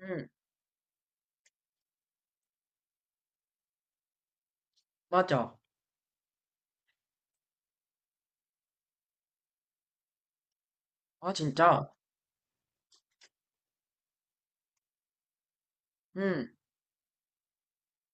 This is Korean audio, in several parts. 응, 맞아. 아, 진짜? 응,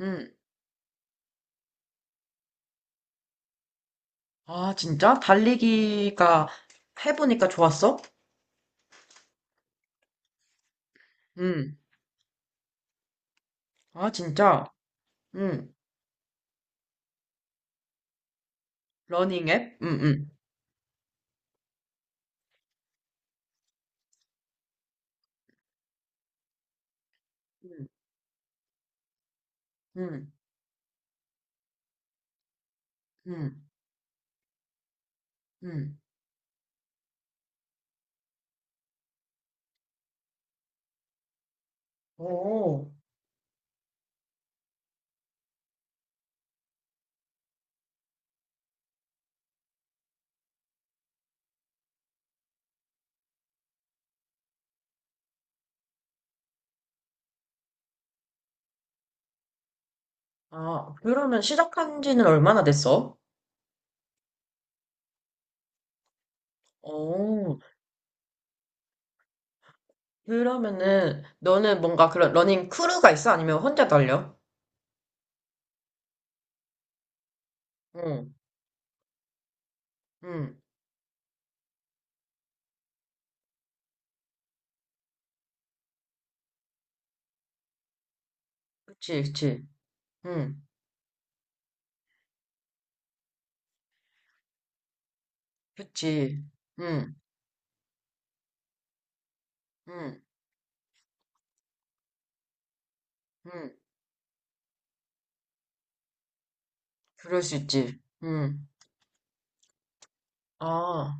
응. 아, 진짜? 달리기가 해보니까 좋았어? 응. 아, 진짜? 응. 러닝 앱? 응, 응. 응, 응, 응. 응. 오. 아, 그러면 시작한 지는 얼마나 됐어? 오. 그러면은, 너는 뭔가 그런 러닝 크루가 있어? 아니면 혼자 달려? 응, 응. 그치, 그치. 응, 그치. 응, 응, 응. 그럴 수 있지. 응. 아,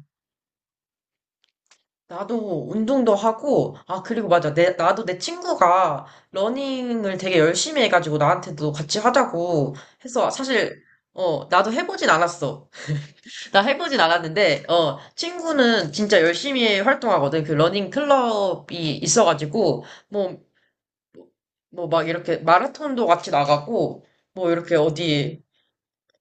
나도 운동도 하고, 아, 그리고 맞아. 나도 내 친구가 러닝을 되게 열심히 해가지고 나한테도 같이 하자고 해서 사실, 나도 해보진 않았어. 나 해보진 않았는데, 친구는 진짜 열심히 활동하거든. 그 러닝 클럽이 있어가지고, 뭐, 뭐 막 이렇게 마라톤도 같이 나가고, 뭐 이렇게 어디,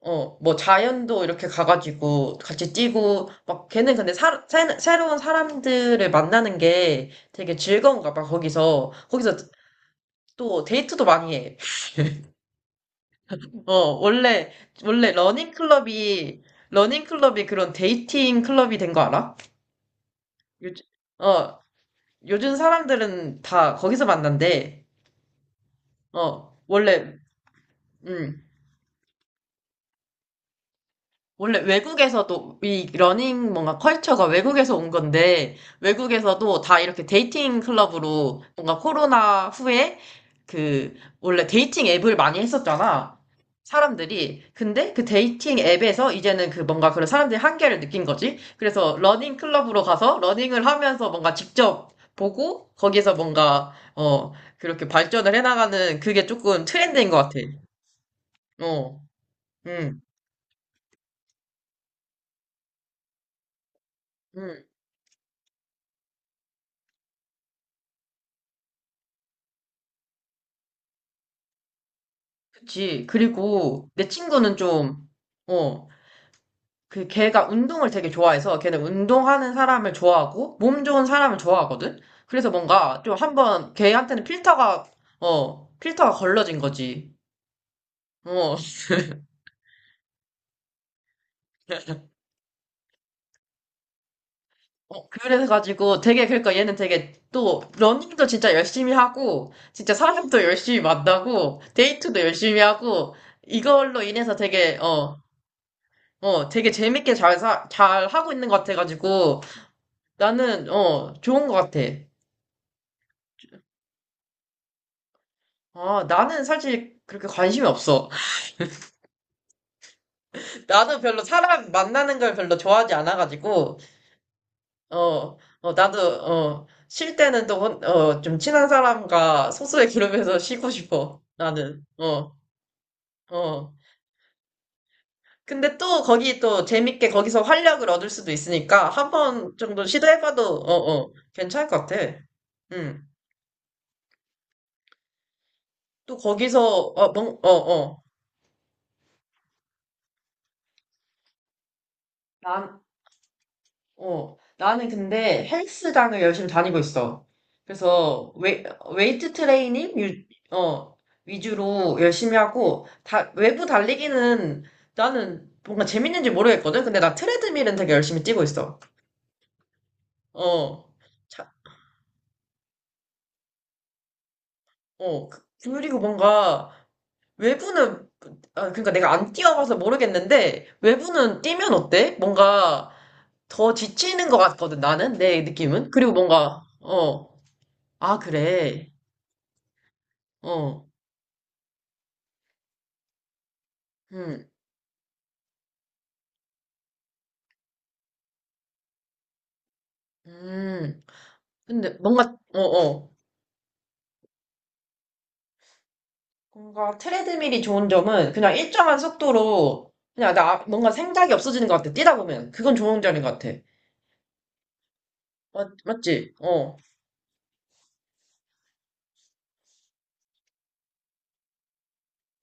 뭐 자연도 이렇게 가가지고 같이 뛰고 막 걔는 근데 새로운 사람들을 만나는 게 되게 즐거운가 봐. 거기서 또 데이트도 많이 해. 어, 원래 원래 러닝 클럽이 러닝 클럽이 그런 데이팅 클럽이 된거 알아? 요즘 어, 요즘 사람들은 다 거기서 만난대. 어, 원래 음. 원래 외국에서도 이 러닝 뭔가 컬처가 외국에서 온 건데, 외국에서도 다 이렇게 데이팅 클럽으로 뭔가 코로나 후에 그 원래 데이팅 앱을 많이 했었잖아, 사람들이. 근데 그 데이팅 앱에서 이제는 그 뭔가 그런 사람들이 한계를 느낀 거지. 그래서 러닝 클럽으로 가서 러닝을 하면서 뭔가 직접 보고 거기서 뭔가 그렇게 발전을 해나가는, 그게 조금 트렌드인 것 같아. 어, 음, 음. 그치. 그리고 내 친구는 좀, 어, 그 걔가 운동을 되게 좋아해서 걔는 운동하는 사람을 좋아하고 몸 좋은 사람을 좋아하거든? 그래서 뭔가 좀 한번 걔한테는 필터가 걸러진 거지. 어, 그래가지고 되게, 그러니까 얘는 되게 또 러닝도 진짜 열심히 하고, 진짜 사람도 열심히 만나고, 데이트도 열심히 하고, 이걸로 인해서 되게 재밌게 잘 하고 있는 것 같아가지고, 나는, 좋은 것 같아. 아, 나는 사실 그렇게 관심이 없어. 나도 별로 사람 만나는 걸 별로 좋아하지 않아가지고, 나도, 쉴 때는 또, 좀 친한 사람과 소소의 그룹에서 쉬고 싶어. 나는. 어. 근데 또 거기 또 재밌게 거기서 활력을 얻을 수도 있으니까 한 번 정도 시도해봐도, 괜찮을 것 같아. 응. 또 거기서, 어, 뭔, 어, 어. 난, 나는 근데 헬스장을 열심히 다니고 있어. 그래서 웨이트 트레이닝 어, 위주로 열심히 하고 외부 달리기는 나는 뭔가 재밌는지 모르겠거든. 근데 나 트레드밀은 되게 열심히 뛰고 있어. 어, 자, 그리고 뭔가 외부는, 아, 그러니까 내가 안 뛰어봐서 모르겠는데 외부는 뛰면 어때? 뭔가 더 지치는 것 같거든. 나는, 내 느낌은. 그리고 뭔가 아 그래. 어, 음, 음. 근데 뭔가. 뭔가 트레드밀이 좋은 점은 그냥 일정한 속도로 그냥 뭔가 생각이 없어지는 것 같아, 뛰다 보면. 그건 좋은 점인 것 같아. 맞지?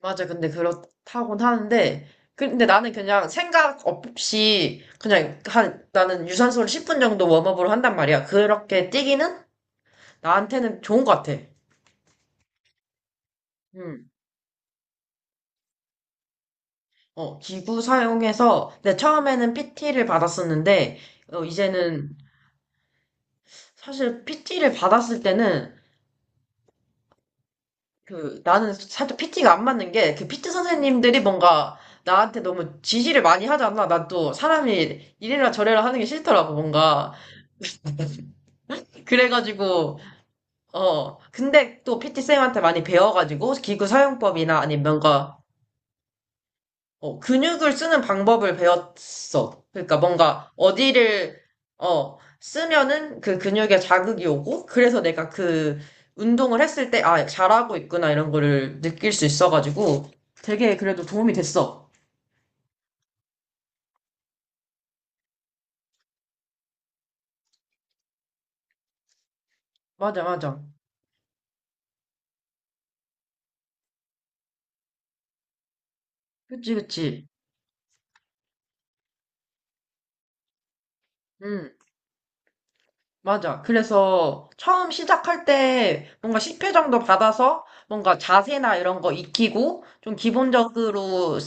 맞아. 근데 그렇다곤 하는데. 근데 나는 그냥 생각 없이 나는 유산소를 10분 정도 웜업으로 한단 말이야. 그렇게 뛰기는 나한테는 좋은 것 같아. 음, 기구 사용해서, 근데 처음에는 PT를 받았었는데, 이제는 사실 PT를 받았을 때는 그 나는 살짝 PT가 안 맞는 게, 그 PT 선생님들이 뭔가 나한테 너무 지시를 많이 하잖아. 난 또 사람이 이래라 저래라 하는 게 싫더라고 뭔가. 그래가지고 근데 또 PT 쌤한테 많이 배워가지고 기구 사용법이나 아니면 뭔가 근육을 쓰는 방법을 배웠어. 그러니까 뭔가 어디를 쓰면은 그 근육에 자극이 오고, 그래서 내가 그 운동을 했을 때 아, 잘하고 있구나 이런 거를 느낄 수 있어가지고 되게 그래도 도움이 됐어. 맞아, 맞아. 그치, 그치. 응, 맞아. 그래서 처음 시작할 때 뭔가 10회 정도 받아서 뭔가 자세나 이런 거 익히고 좀 기본적으로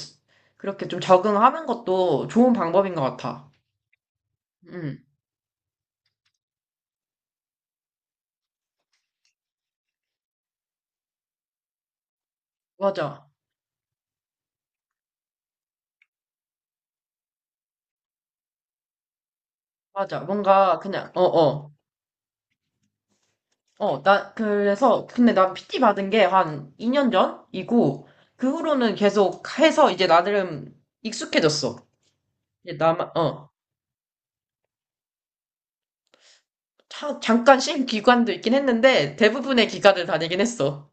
그렇게 좀 적응하는 것도 좋은 방법인 것 같아. 응, 맞아, 맞아. 뭔가 그냥 나 그래서 근데 나 PT 받은 게 한 2년 전이고 그 후로는 계속 해서 이제 나름 익숙해졌어. 이제 나만 잠깐 쉰 기간도 있긴 했는데 대부분의 기간을 다니긴 했어.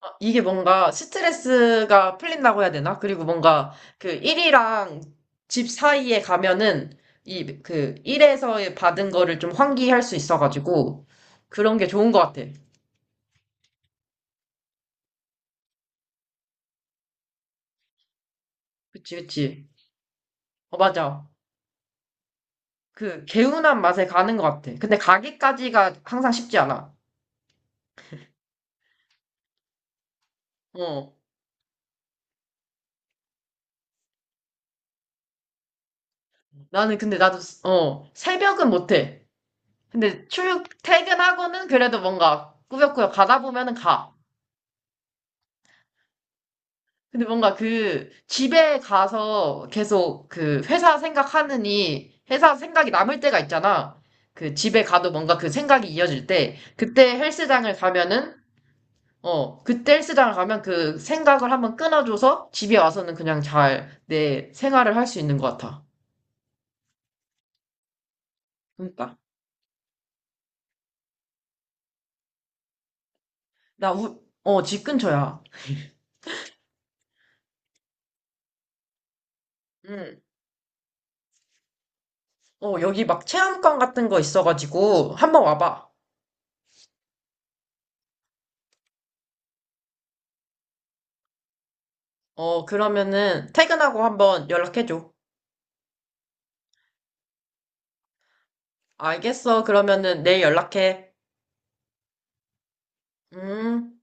이게 뭔가 스트레스가 풀린다고 해야 되나? 그리고 뭔가 그 일이랑 집 사이에 가면은 이 그 일에서 받은 거를 좀 환기할 수 있어가지고 그런 게 좋은 것 같아. 그치, 그치. 맞아. 개운한 맛에 가는 것 같아. 근데 가기까지가 항상 쉽지 않아. 어. 나는 근데 나도, 새벽은 못해. 근데 출근, 퇴근하고는 그래도 뭔가 꾸역꾸역 가다 보면은 가. 근데 뭔가 그, 집에 가서 계속 그, 회사 생각하느니, 회사 생각이 남을 때가 있잖아. 그, 집에 가도 뭔가 그 생각이 이어질 때, 그때 헬스장을 가면 그 생각을 한번 끊어줘서 집에 와서는 그냥 잘 내 생활을 할 수 있는 것 같아. 그러니까. 나 집 근처야. 응. 여기 막 체험관 같은 거 있어가지고 한번 와봐. 그러면은 퇴근하고 한번 연락해줘. 알겠어. 그러면은 내일 연락해. 음.